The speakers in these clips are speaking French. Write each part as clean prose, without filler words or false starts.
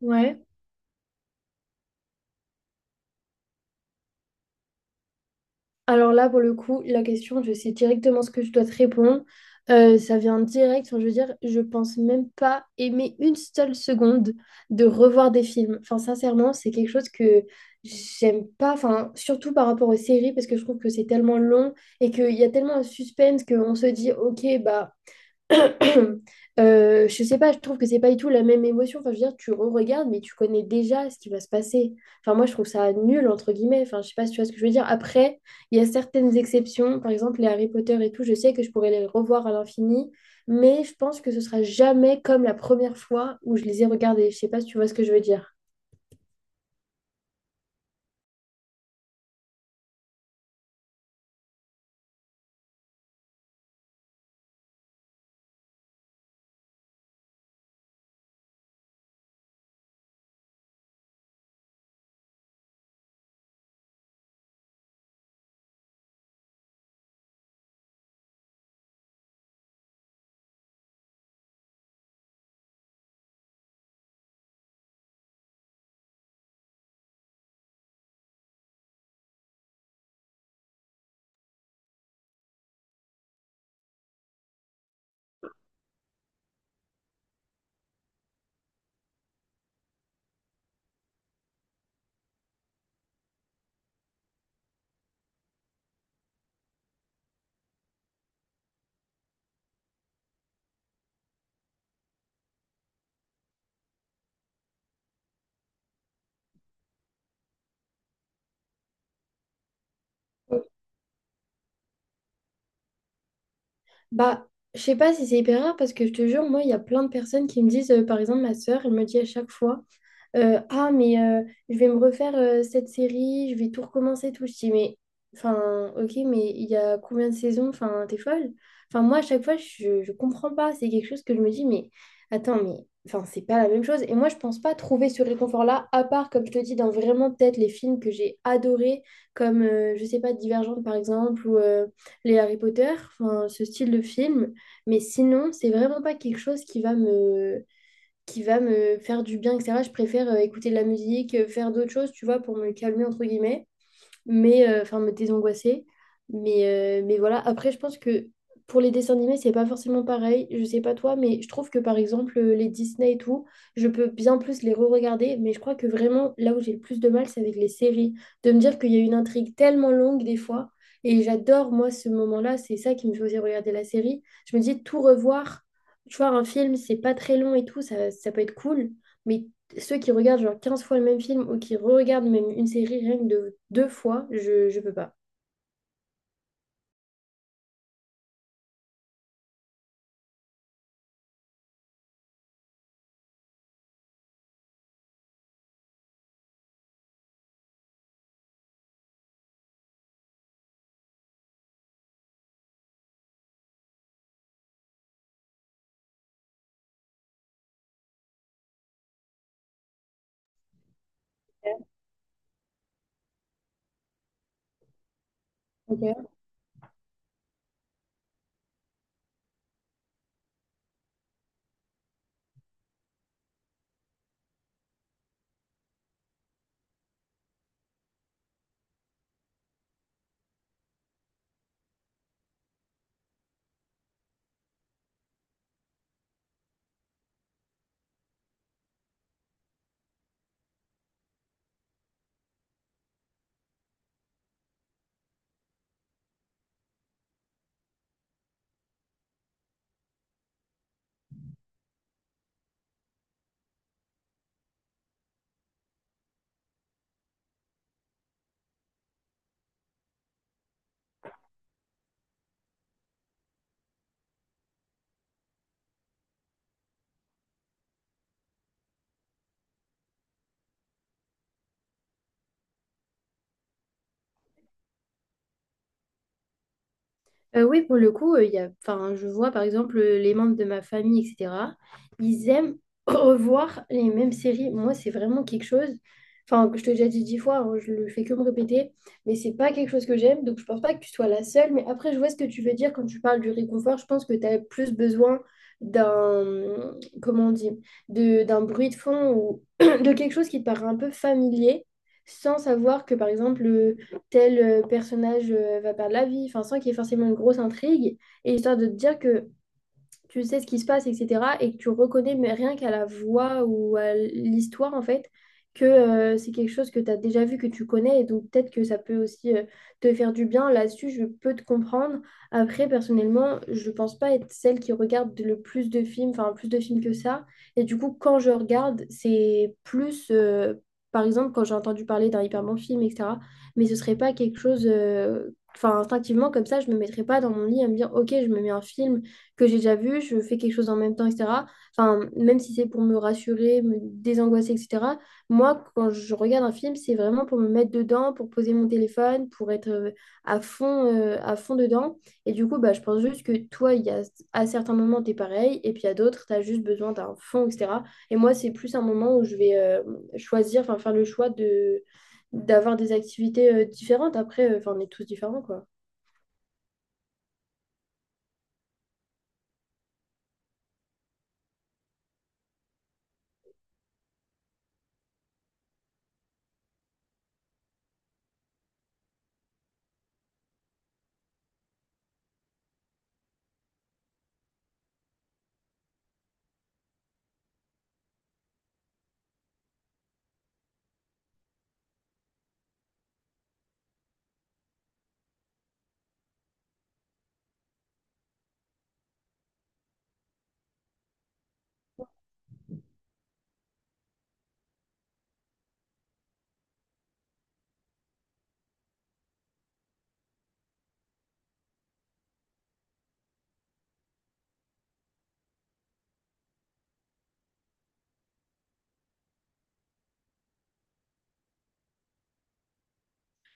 Ouais. Alors là, pour le coup, la question, je sais directement ce que je dois te répondre. Ça vient direct. Enfin, je veux dire, je pense même pas aimer une seule seconde de revoir des films. Enfin, sincèrement, c'est quelque chose que j'aime pas. Enfin, surtout par rapport aux séries, parce que je trouve que c'est tellement long et qu'il y a tellement un suspense qu'on se dit, ok, bah. Je sais pas, je trouve que c'est pas du tout la même émotion. Enfin, je veux dire, tu re-regardes, mais tu connais déjà ce qui va se passer. Enfin, moi, je trouve ça nul, entre guillemets. Enfin, je sais pas si tu vois ce que je veux dire. Après, il y a certaines exceptions, par exemple les Harry Potter et tout, je sais que je pourrais les revoir à l'infini, mais je pense que ce sera jamais comme la première fois où je les ai regardés. Je sais pas si tu vois ce que je veux dire. Bah, je sais pas si c'est hyper rare parce que je te jure, moi, il y a plein de personnes qui me disent, par exemple, ma sœur, elle me dit à chaque fois, ah, mais je vais me refaire cette série, je vais tout recommencer, tout. Je dis, mais, enfin, ok, mais il y a combien de saisons? Enfin, t'es folle? Enfin, moi, à chaque fois, je comprends pas. C'est quelque chose que je me dis, mais attends, mais, enfin, c'est pas la même chose. Et moi, je pense pas trouver ce réconfort-là, à part, comme je te dis, dans vraiment peut-être les films que j'ai adorés, comme, je sais pas, Divergente, par exemple, ou les Harry Potter, enfin, ce style de film. Mais sinon, c'est vraiment pas quelque chose qui va me faire du bien, etc. Je préfère écouter de la musique, faire d'autres choses, tu vois, pour me calmer, entre guillemets mais enfin me désangoisser. Mais voilà, après, je pense que pour les dessins animés, c'est pas forcément pareil. Je sais pas toi, mais je trouve que par exemple, les Disney et tout, je peux bien plus les re-regarder. Mais je crois que vraiment, là où j'ai le plus de mal, c'est avec les séries. De me dire qu'il y a une intrigue tellement longue des fois. Et j'adore, moi, ce moment-là. C'est ça qui me faisait regarder la série. Je me dis, tout revoir, tu vois, un film, c'est pas très long et tout, ça peut être cool. Mais ceux qui regardent genre 15 fois le même film ou qui regardent même une série rien que de deux fois, je peux pas. Ok. Oui, pour le coup, il y a, enfin, je vois par exemple les membres de ma famille, etc. Ils aiment revoir les mêmes séries. Moi, c'est vraiment quelque chose. Enfin, je te l'ai déjà dit dix fois, hein, je le fais que me répéter, mais c'est pas quelque chose que j'aime, donc je pense pas que tu sois la seule. Mais après, je vois ce que tu veux dire quand tu parles du réconfort. Je pense que tu as plus besoin d'un, comment on dit, d'un bruit de fond ou de quelque chose qui te paraît un peu familier, sans savoir que par exemple tel personnage va perdre la vie, enfin, sans qu'il y ait forcément une grosse intrigue, et histoire de te dire que tu sais ce qui se passe, etc. Et que tu reconnais, mais rien qu'à la voix ou à l'histoire, en fait, que c'est quelque chose que tu as déjà vu, que tu connais. Et donc, peut-être que ça peut aussi te faire du bien. Là-dessus, je peux te comprendre. Après, personnellement, je pense pas être celle qui regarde le plus de films, enfin, plus de films que ça. Et du coup, quand je regarde, c'est plus. Par exemple, quand j'ai entendu parler d'un hyper bon film, etc. Mais ce serait pas quelque chose, enfin, instinctivement, comme ça, je me mettrais pas dans mon lit à me dire, OK, je me mets un film que j'ai déjà vu, je fais quelque chose en même temps, etc. Enfin, même si c'est pour me rassurer, me désangoisser, etc. Moi, quand je regarde un film, c'est vraiment pour me mettre dedans, pour poser mon téléphone, pour être à fond dedans. Et du coup, bah, je pense juste que toi, il y a, à certains moments, tu es pareil, et puis à d'autres, tu as juste besoin d'un fond, etc. Et moi, c'est plus un moment où je vais choisir, enfin, faire le choix de d'avoir des activités différentes. Après, enfin, on est tous différents, quoi.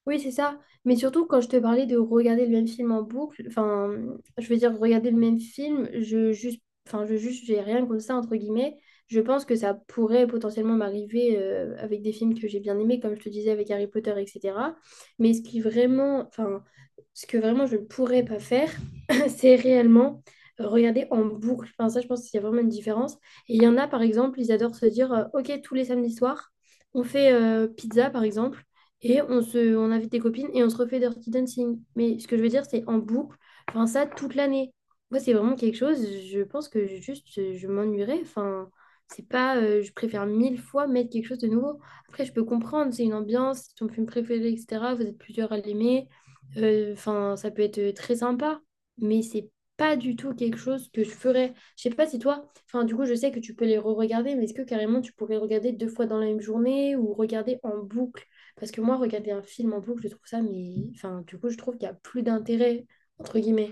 Oui, c'est ça. Mais surtout, quand je te parlais de regarder le même film en boucle, enfin, je veux dire, regarder le même film, je juste, j'ai rien contre ça, entre guillemets. Je pense que ça pourrait potentiellement m'arriver avec des films que j'ai bien aimés, comme je te disais, avec Harry Potter, etc. Mais ce qui vraiment, enfin, ce que vraiment je ne pourrais pas faire, c'est réellement regarder en boucle. Enfin, ça, je pense qu'il y a vraiment une différence. Et il y en a, par exemple, ils adorent se dire, OK, tous les samedis soirs, on fait pizza, par exemple, et on invite des copines et on se refait Dirty Dancing. Mais ce que je veux dire, c'est en boucle, enfin, ça, toute l'année. Moi, c'est vraiment quelque chose, je pense que juste, je, m'ennuierais. Enfin, c'est pas, je préfère mille fois mettre quelque chose de nouveau. Après, je peux comprendre, c'est une ambiance, c'est ton film préféré, etc. Vous êtes plusieurs à l'aimer. Enfin, ça peut être très sympa, mais c'est pas du tout quelque chose que je ferais. Je sais pas si toi, enfin, du coup, je sais que tu peux les re-regarder, mais est-ce que carrément tu pourrais regarder deux fois dans la même journée ou regarder en boucle? Parce que moi, regarder un film en boucle, je trouve ça, mais enfin, du coup, je trouve qu'il y a plus d'intérêt, entre guillemets.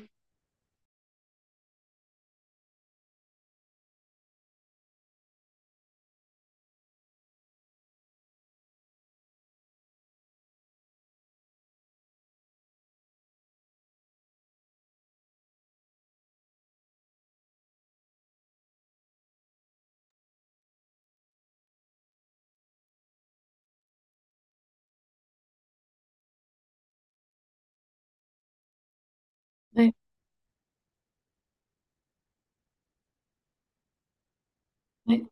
Ouais.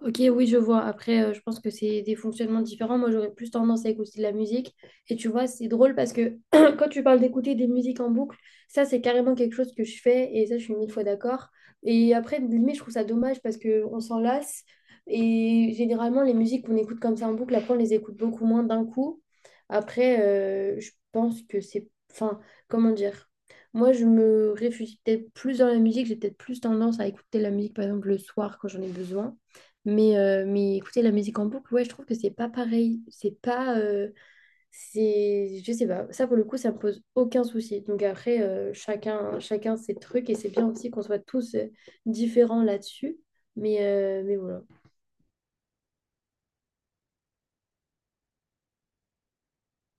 Ok, oui, je vois. Après, je pense que c'est des fonctionnements différents. Moi, j'aurais plus tendance à écouter de la musique. Et tu vois, c'est drôle parce que quand tu parles d'écouter des musiques en boucle, ça, c'est carrément quelque chose que je fais. Et ça, je suis mille fois d'accord. Et après, limite, je trouve ça dommage parce qu'on s'en lasse. Et généralement, les musiques qu'on écoute comme ça en boucle, après, on les écoute beaucoup moins d'un coup. Après, je pense que c'est... Enfin, comment dire? Moi, je me réfugie peut-être plus dans la musique. J'ai peut-être plus tendance à écouter la musique, par exemple, le soir quand j'en ai besoin. Mais écouter la musique en boucle, ouais, je trouve que c'est pas pareil. C'est pas. C'est, je sais pas. Ça, pour le coup, ça me pose aucun souci. Donc après, chacun ses trucs et c'est bien aussi qu'on soit tous différents là-dessus. Mais voilà.